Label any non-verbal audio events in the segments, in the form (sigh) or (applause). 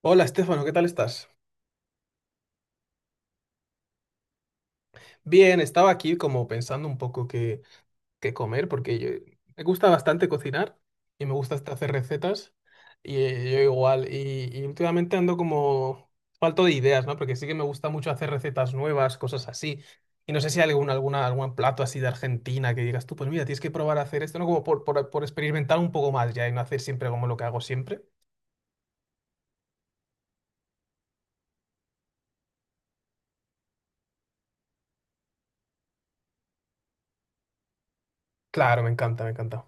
Hola, Estefano, ¿qué tal estás? Bien, estaba aquí como pensando un poco qué, qué comer, porque me gusta bastante cocinar y me gusta hasta hacer recetas, y yo igual, y últimamente ando como falto de ideas, ¿no? Porque sí que me gusta mucho hacer recetas nuevas, cosas así, y no sé si hay algún, alguna, algún plato así de Argentina que digas tú, pues mira, tienes que probar a hacer esto, ¿no? Como por experimentar un poco más ya y no hacer siempre como lo que hago siempre. Claro, me encanta, me encanta.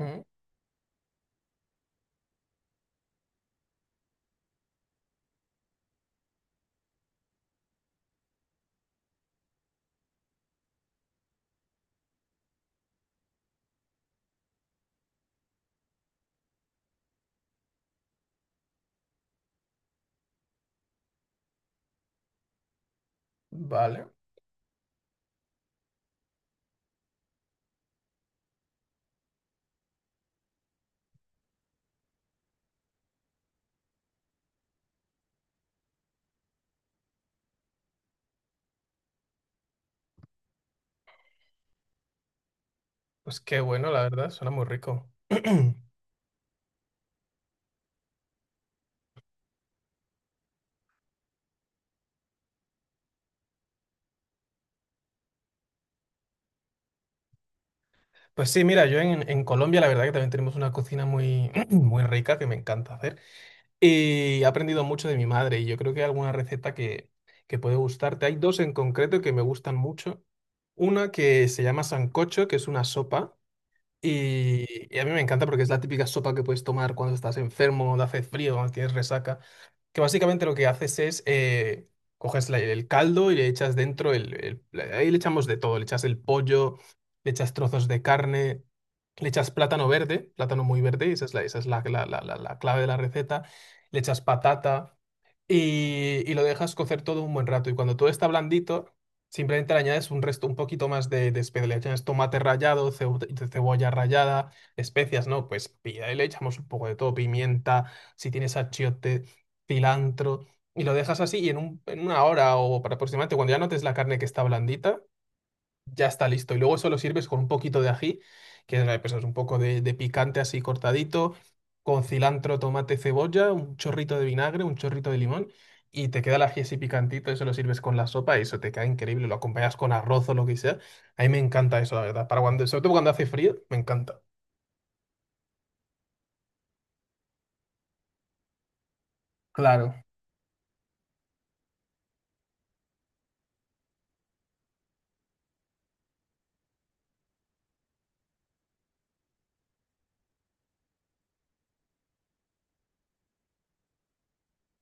Mm. Vale, pues qué bueno, la verdad, suena muy rico. (clears throat) Pues sí, mira, yo en Colombia la verdad que también tenemos una cocina muy, (clears throat) muy rica que me encanta hacer y he aprendido mucho de mi madre y yo creo que hay alguna receta que puede gustarte. Hay dos en concreto que me gustan mucho. Una que se llama sancocho, que es una sopa y, y a mí me encanta porque es la típica sopa que puedes tomar cuando estás enfermo, cuando hace frío, cuando tienes resaca que básicamente lo que haces es coges el caldo y le echas dentro ahí le echamos de todo, le echas el pollo, le echas trozos de carne, le echas plátano verde, plátano muy verde, esa es la, esa es la clave de la receta, le echas patata y lo dejas cocer todo un buen rato. Y cuando todo está blandito, simplemente le añades un resto, un poquito más de especia. Le añades tomate rallado, cebolla rallada, especias, ¿no? Pues pilla y le echamos un poco de todo, pimienta, si tienes achiote, cilantro, y lo dejas así y en en una hora o para aproximadamente, cuando ya notes la carne que está blandita, ya está listo. Y luego eso lo sirves con un poquito de ají, que es pues, es un poco de picante así cortadito, con cilantro, tomate, cebolla, un chorrito de vinagre, un chorrito de limón, y te queda el ají así picantito, eso lo sirves con la sopa y eso te queda increíble. Lo acompañas con arroz o lo que sea. A mí me encanta eso, la verdad. Para cuando, sobre todo cuando hace frío, me encanta. Claro.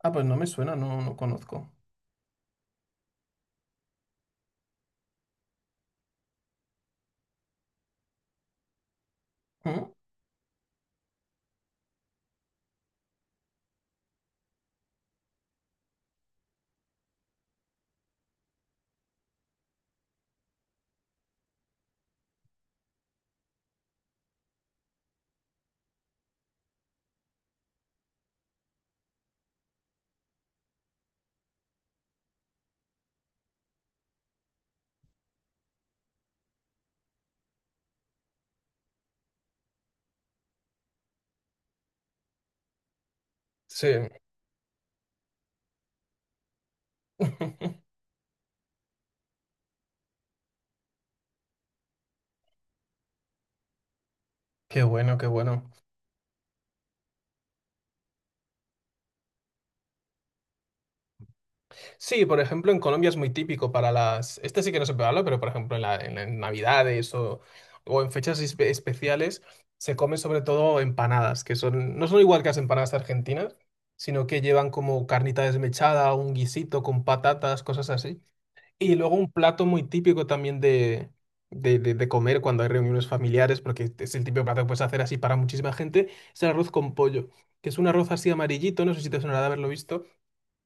Ah, pues no me suena, no, no conozco. Mm. Sí, qué bueno, qué bueno. Sí, por ejemplo, en Colombia es muy típico para las... Este sí que no se puede hablar, pero por ejemplo en, en Navidades o en fechas especiales se comen sobre todo empanadas, que son no son igual que las empanadas argentinas, sino que llevan como carnita desmechada, un guisito con patatas, cosas así. Y luego un plato muy típico también de, de comer cuando hay reuniones familiares, porque es el típico plato que puedes hacer así para muchísima gente, es el arroz con pollo, que es un arroz así amarillito, no sé si te sonará de haberlo visto.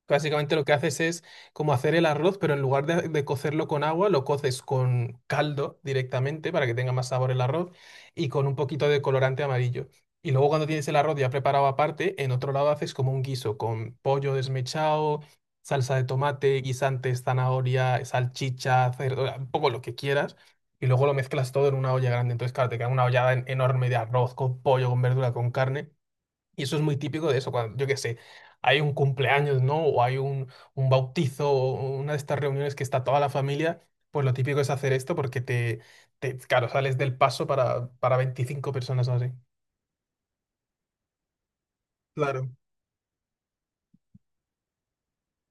Básicamente lo que haces es como hacer el arroz, pero en lugar de cocerlo con agua, lo coces con caldo directamente para que tenga más sabor el arroz y con un poquito de colorante amarillo. Y luego cuando tienes el arroz ya preparado aparte, en otro lado haces como un guiso con pollo desmechado, salsa de tomate, guisantes, zanahoria, salchicha, cerdo, un poco lo que quieras. Y luego lo mezclas todo en una olla grande. Entonces, claro, te queda una ollada enorme de arroz con pollo, con verdura, con carne. Y eso es muy típico de eso, cuando, yo qué sé, hay un cumpleaños, ¿no? O hay un bautizo, o una de estas reuniones que está toda la familia, pues lo típico es hacer esto porque te claro, sales del paso para 25 personas o así. Claro.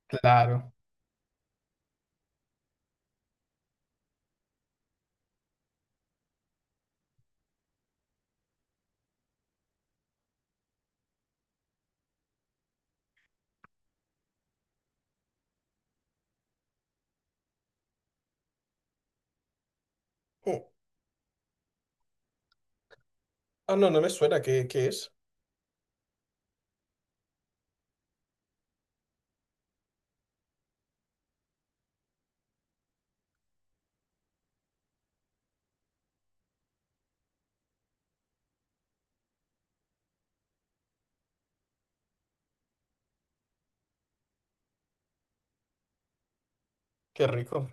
Claro. Mm. Ah, no, no me suena, ¿qué, qué es? Qué rico.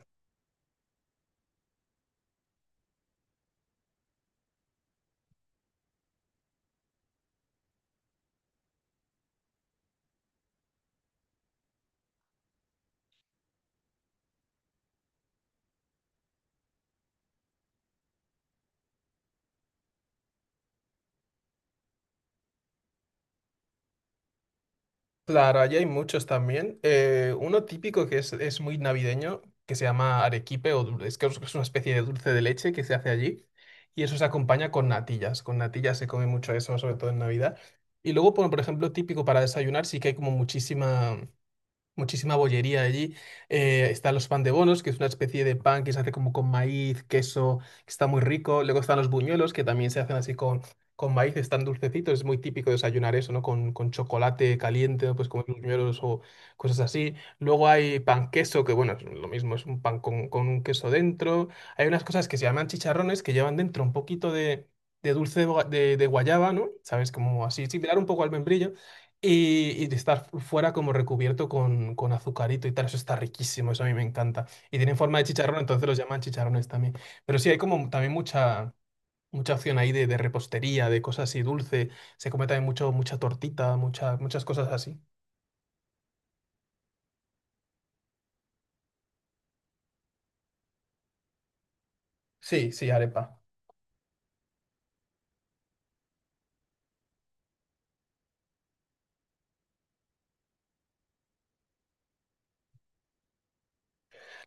Claro, allí hay muchos también. Uno típico que es muy navideño, que se llama arequipe, o es que es una especie de dulce de leche que se hace allí, y eso se acompaña con natillas. Con natillas se come mucho eso, sobre todo en Navidad. Y luego, por ejemplo, típico para desayunar, sí que hay como muchísima muchísima bollería allí. Están los pan de bonos, que es una especie de pan que se hace como con maíz, queso, que está muy rico. Luego están los buñuelos, que también se hacen así con maíz, están dulcecitos. Es muy típico desayunar eso, ¿no? Con chocolate caliente, ¿no? Pues comer buñuelos o cosas así. Luego hay pan queso, que bueno, es lo mismo, es un pan con un queso dentro. Hay unas cosas que se llaman chicharrones, que llevan dentro un poquito de dulce de, de guayaba, ¿no? ¿Sabes? Como así, similar un poco al membrillo, y de estar fuera como recubierto con azucarito y tal, eso está riquísimo, eso a mí me encanta. Y tienen forma de chicharrón, entonces los llaman chicharrones también. Pero sí, hay como también mucha, mucha opción ahí de repostería, de cosas así dulce. Se come también mucho, mucha tortita, muchas cosas así. Sí, sí, arepa.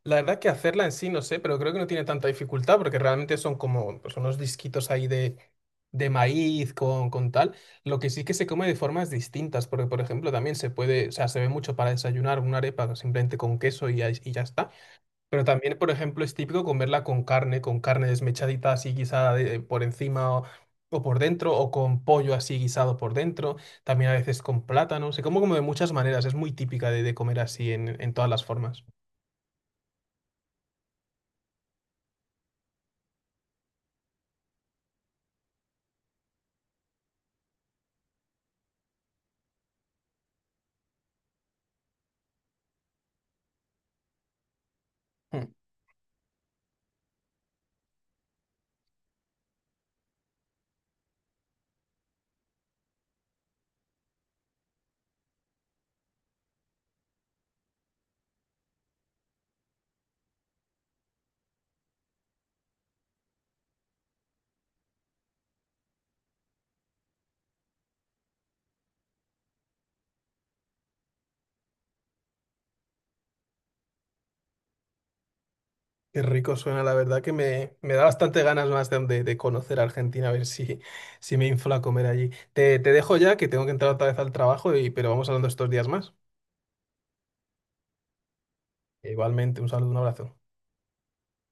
La verdad que hacerla en sí no sé, pero creo que no tiene tanta dificultad porque realmente son como pues, unos disquitos ahí de maíz con tal. Lo que sí que se come de formas distintas, porque por ejemplo también se puede, o sea, se ve mucho para desayunar una arepa simplemente con queso y ya está. Pero también, por ejemplo, es típico comerla con carne desmechadita así guisada por encima o por dentro, o con pollo así guisado por dentro, también a veces con plátano. Se come como de muchas maneras, es muy típica de comer así en todas las formas. Qué rico suena, la verdad que me da bastante ganas más de, de conocer Argentina, a ver si, si me infla a comer allí. Te dejo ya, que tengo que entrar otra vez al trabajo, y, pero vamos hablando estos días más. Igualmente, un saludo, un abrazo.